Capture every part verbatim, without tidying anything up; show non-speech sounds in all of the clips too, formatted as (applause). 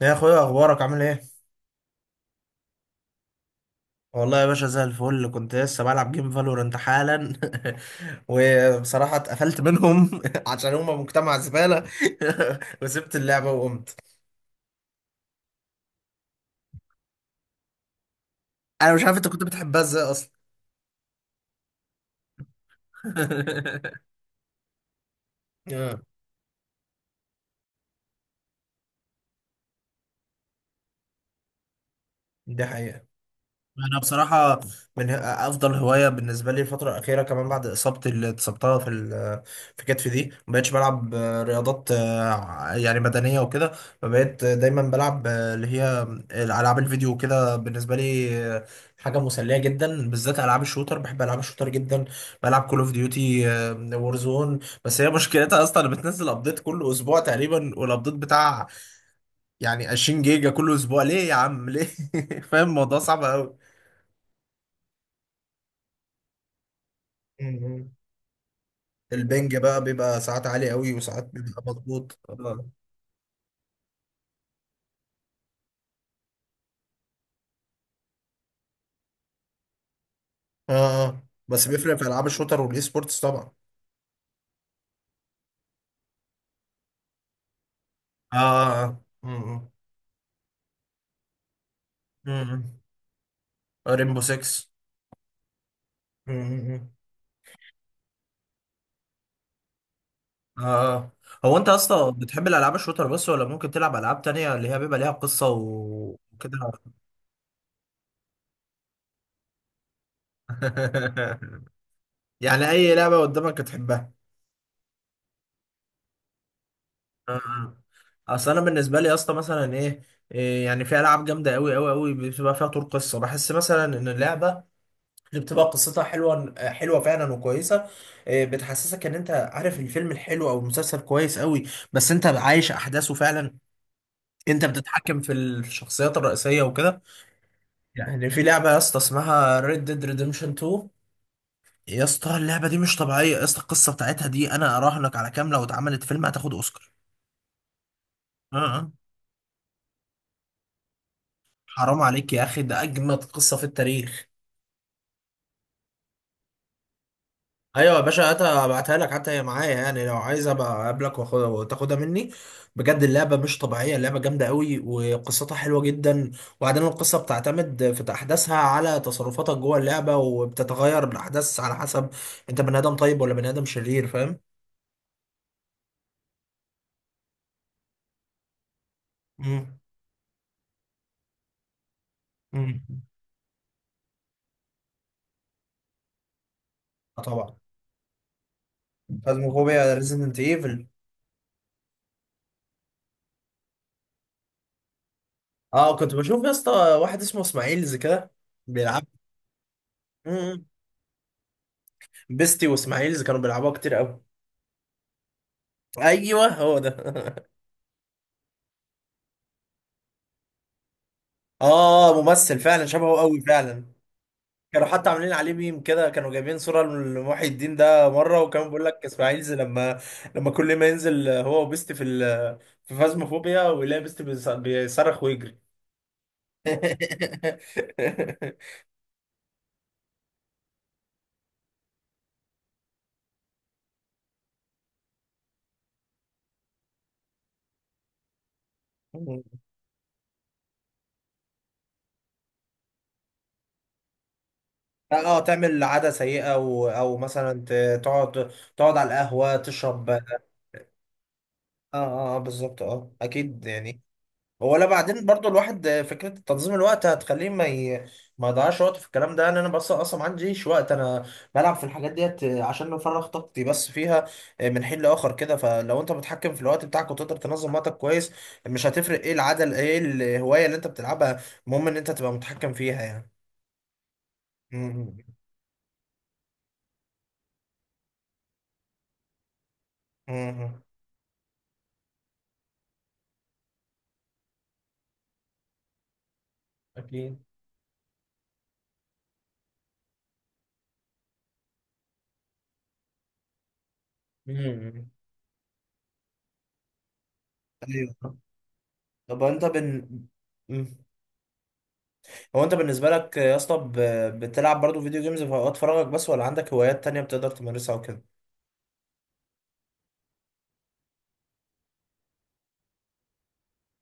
يا اخويا اخبارك عامل ايه؟ والله يا باشا زي الفل، كنت لسه بلعب جيم فالورنت حالا. (laughs) وبصراحة اتقفلت منهم (laughs) عشان هما مجتمع زبالة. (laughs) وسبت اللعبة وقمت. انا مش عارف انت كنت بتحبها ازاي اصلا. (laughs) آه، دي حقيقة. انا بصراحه من افضل هوايه بالنسبه لي الفتره الاخيره، كمان بعد اصابتي اللي اتصبتها في ال- في كتفي دي، ما بقتش بلعب آه، رياضات، آه، يعني بدنيه وكده. فبقيت دايما بلعب آه، اللي هي العاب الفيديو وكده. بالنسبه لي آه، حاجه مسليه جدا، بالذات العاب الشوتر. بحب العاب الشوتر جدا. بلعب كول اوف ديوتي وورزون. بس هي مشكلتها اصلا بتنزل ابديت كل اسبوع تقريبا، والابديت بتاع يعني عشرين جيجا كل اسبوع. ليه يا عم ليه؟ (laughs) فاهم الموضوع صعب قوي. مم. البنج بقى بيبقى ساعات عالي قوي وساعات بيبقى مضغوط اه. اه، اه بس بيفرق في العاب الشوتر والاي سبورتس طبعا. اه اه. امم امم. ريمبو ستة. امم. اه. آه. هو انت اصلا بتحب الالعاب الشوتر بس، ولا ممكن تلعب العاب تانية اللي هي بيبقى ليها قصة و- وكده؟ (laughs) يعني اي لعبه قدامك تحبها. آه. آه. اصل انا بالنسبه لي يا اسطى مثلا ايه، إيه، يعني في العاب جامده قوي قوي قوي بتبقى فيها طور قصه. بحس مثلا ان اللعبه اللي بتبقى قصتها حلوه حلوه فعلا وكويسه، آه، بتحسسك ان انت عارف الفيلم الحلو او المسلسل كويس قوي، بس انت عايش احداثه فعلا. انت بتتحكم في الشخصيات الرئيسيه وكده. يعني في لعبه يا اسطى اسمها Red Dead Redemption تو. يا اسطى اللعبه دي مش طبيعيه. يا اسطى القصه بتاعتها دي انا اراهنك على كام، لو اتعملت فيلم هتاخد اوسكار. اه، آه. حرام عليك يا اخي، ده اجمد قصه في التاريخ. ايوه يا باشا، هاتها ابعتها لك، حتى هي معايا يعني، لو عايز ابقى اقابلك واخدها وتاخدها مني. بجد اللعبه مش طبيعيه، اللعبه جامده قوي وقصتها حلوه جدا. وبعدين القصه بتعتمد في احداثها على تصرفاتك جوه اللعبه، وبتتغير الاحداث على حسب انت بني ادم طيب ولا بني ادم شرير، فاهم؟ امم. امم. آه طبعا. فازموفوبيا، ريزيدنت ايفل. اه كنت بشوف يا اسطى واحد اسمه اسماعيلز كده بيلعب. مم. بيستي واسماعيلز كانوا بيلعبوها كتير قوي. ايوه هو ده. (laughs) اه، ممثل فعلا شبهه قوي فعلا. كانوا حتى عاملين عليه ميم كده، كانوا جايبين صورة لمحي الدين ده مرة، وكان بيقول لك اسماعيل زي لما، لما كل ما ينزل هو وبيست في ال... في فازموفوبيا ويلاقي بيست بيص- بيصرخ ويجري. (laughs) اه، تعمل عادة سيئة و... او مثلا ت- تقعد، تقعد على القهوة تشرب اه. اه، آه، بالظبط. اه اكيد يعني. هو لا، بعدين برضو الواحد فكرة تنظيم الوقت هتخليه ما ي... ما يضيعش وقته في الكلام ده. انا انا بس اصلا ما عنديش وقت. انا بلعب في الحاجات ديت عشان نفرغ طاقتي بس فيها من حين لاخر كده. فلو انت متحكم في الوقت بتاعك، وتقدر تنظم وقتك كويس، مش هتفرق ايه العدل ايه الهواية اللي انت بتلعبها. المهم ان انت تبقى متحكم فيها يعني. مم. مم. اكيد. مم. ايوه. طب انت بن. مم. هو انت بالنسبه لك يا اسطى ب- بتلعب برضو فيديو جيمز في اوقات فراغك بس، ولا عندك هوايات تانية بتقدر تمارسها وكده؟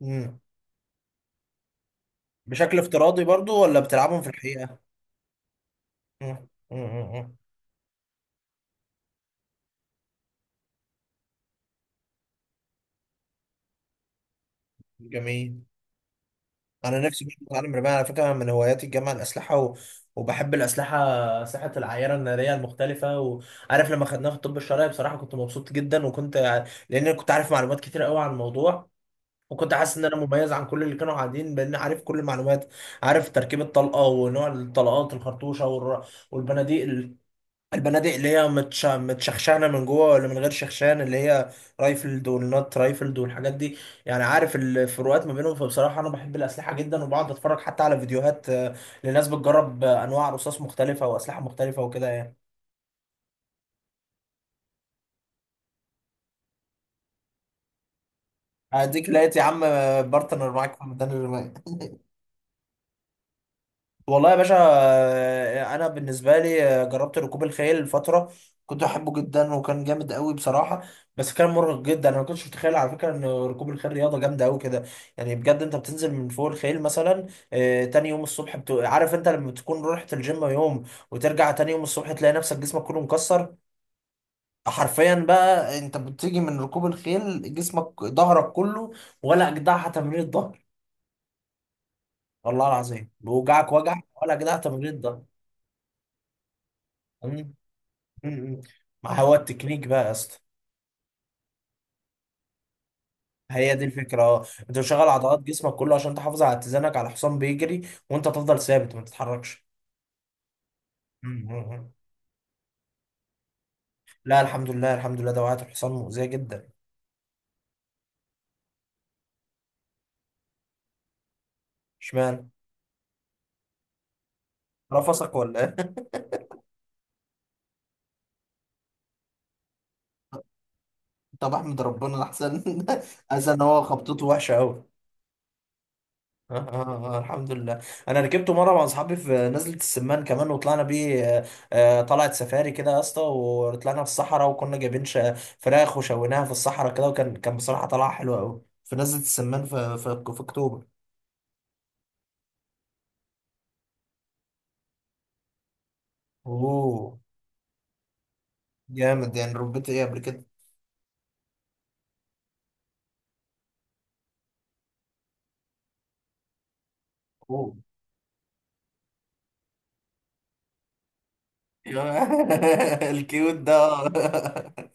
امم. بشكل افتراضي برضو، ولا بتلعبهم في الحقيقه؟ مم. مم. مم. جميل. انا نفسي برضو اتعلم رمايه على فكره، من هواياتي الجامعه الاسلحه و... وبحب الاسلحه. ساحه العيار الناريه المختلفه. وعارف لما خدناها في الطب الشرعي، بصراحه كنت مبسوط جدا، وكنت يعني، لان أنا كنت عارف معلومات كتير قوي عن الموضوع، وكنت حاسس ان انا مميز عن كل اللي كانوا قاعدين بان عارف كل المعلومات. عارف تركيب الطلقه، ونوع الطلقات الخرطوشه، والر- والبنادق ال- البنادق اللي هي متش... متشخشانه من جوه ولا من غير شخشان، اللي هي رايفلد والنوت رايفلد والحاجات دي. يعني عارف الفروقات ما بينهم. فبصراحه انا بحب الاسلحه جدا، وبقعد اتفرج حتى على فيديوهات آه، لناس بتجرب آه، انواع رصاص مختلفه واسلحه مختلفه وكده يعني. هديك لقيت يا عم آه، بارتنر معاك في ميدان الرماية. والله يا باشا آه، انا بالنسبه لي آه، جربت ركوب الخيل فتره. كنت احبه جدا، وكان جامد قوي بصراحه. بس كان مرهق جدا. انا ما كنتش متخيل على فكره ان ركوب الخيل رياضه جامده قوي كده. يعني بجد انت بتنزل من فوق الخيل مثلا، آه، تاني يوم الصبح بت... عارف انت لما تكون رحت الجيم يوم، وترجع تاني يوم الصبح تلاقي نفسك جسمك كله مكسر؟ حرفيا بقى انت بتيجي من ركوب الخيل جسمك ظهرك كله، ولا اجدعها تمرين الظهر. والله العظيم بوجعك وجع، ولا اجدعها تمرين الظهر. مم. ما هو التكنيك بقى يا اسطى. هي دي الفكره. اه، انت بتشغل عضلات جسمك كله عشان تحافظ على اتزانك على حصان بيجري، وانت تفضل ثابت ما تتحركش. مم. مم. لا الحمد لله، الحمد لله، ده وقعت الحصان مؤذيه جدا. اشمعنى؟ رفسك ولا ايه؟ (laughs) طب احمد ربنا احسن، (laughs) احسن. ان هو خبطته وحشه قوي. آه آه آه آه، الحمد لله. انا ركبته مره مع اصحابي في نزله السمان كمان، وطلعنا بيه آه، آه، طلعت سفاري كده يا اسطى، وطلعنا في الصحراء، وكنا جايبين ش- فراخ وشويناها في الصحراء كده. وكان كان بصراحه طلعه حلوه قوي في نزله السمان في في في اكتوبر. اوه. جامد، يعني ربيت ايه قبل كده؟ اوه. (laughs) يا، الكيوت ده. آه.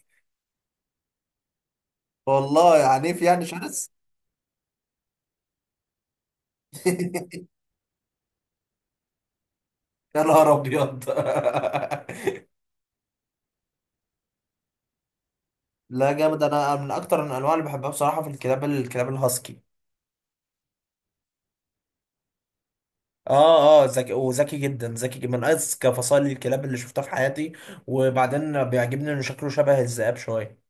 (laughs) والله عنيف، يعني شرس. (laughs) يا نهار ابيض. (laughs) لا جامد. انا من اكتر الانواع اللي بحبها بصراحه في الكلاب، الكلاب الهاسكي. اه. اه، ذكي. وذكي جدا، ذكي جدا، من اذكى فصائل الكلاب اللي شفتها في حياتي. وبعدين بيعجبني انه شكله شبه الذئاب شويه.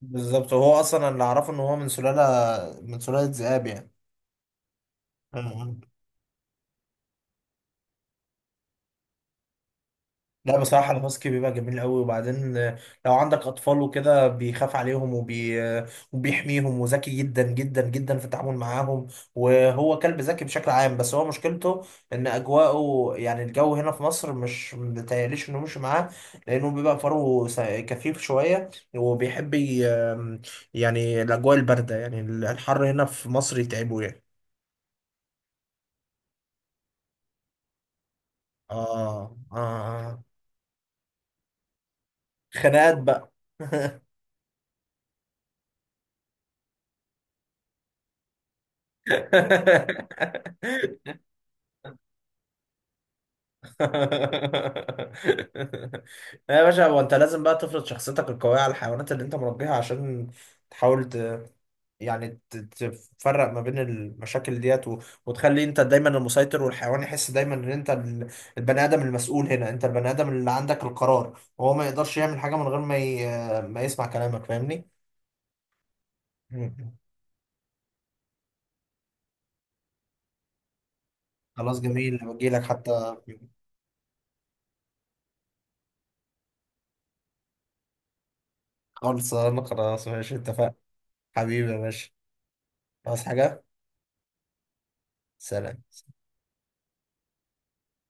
بالظبط. وهو اصلا اللي اعرفه ان هو من سلاله من سلاله ذئاب يعني. لا بصراحة الهاسكي بيبقى جميل قوي. وبعدين آه، لو عندك أطفال وكده بيخاف عليهم وبي... آه، وبيحميهم، وذكي جدا جدا جدا في التعامل معاهم. وهو كلب ذكي بشكل عام. بس هو مشكلته إن أجواءه، يعني الجو هنا في مصر مش متهيأليش إنه مش معاه، لأنه بيبقى فروه س- كثيف شوية، وبيحب ي... آم، يعني الأجواء الباردة، يعني الحر هنا في مصر يتعبه يعني. آه آه آه. خناقات بقى. (laughs) (laughs) لا يا باشا، هو انت لازم بقى تفرض شخصيتك القوية على الحيوانات اللي انت مربيها، عشان تحاول ت... يعني ت- تفرق ما بين المشاكل ديت و... وتخلي انت دايما المسيطر، والحيوان يحس دايما ان انت ال- البني ادم المسؤول هنا. انت البني ادم اللي عندك القرار، وهو ما يقدرش يعمل حاجة من غير ما ي... ما يسمع كلامك. فاهمني؟ (laughs) مم. خلاص جميل، بجي لك حتى. خالص، انا خلاص ماشي اتفقنا. حبيبي يا باشا. عايز حاجة؟ سلام.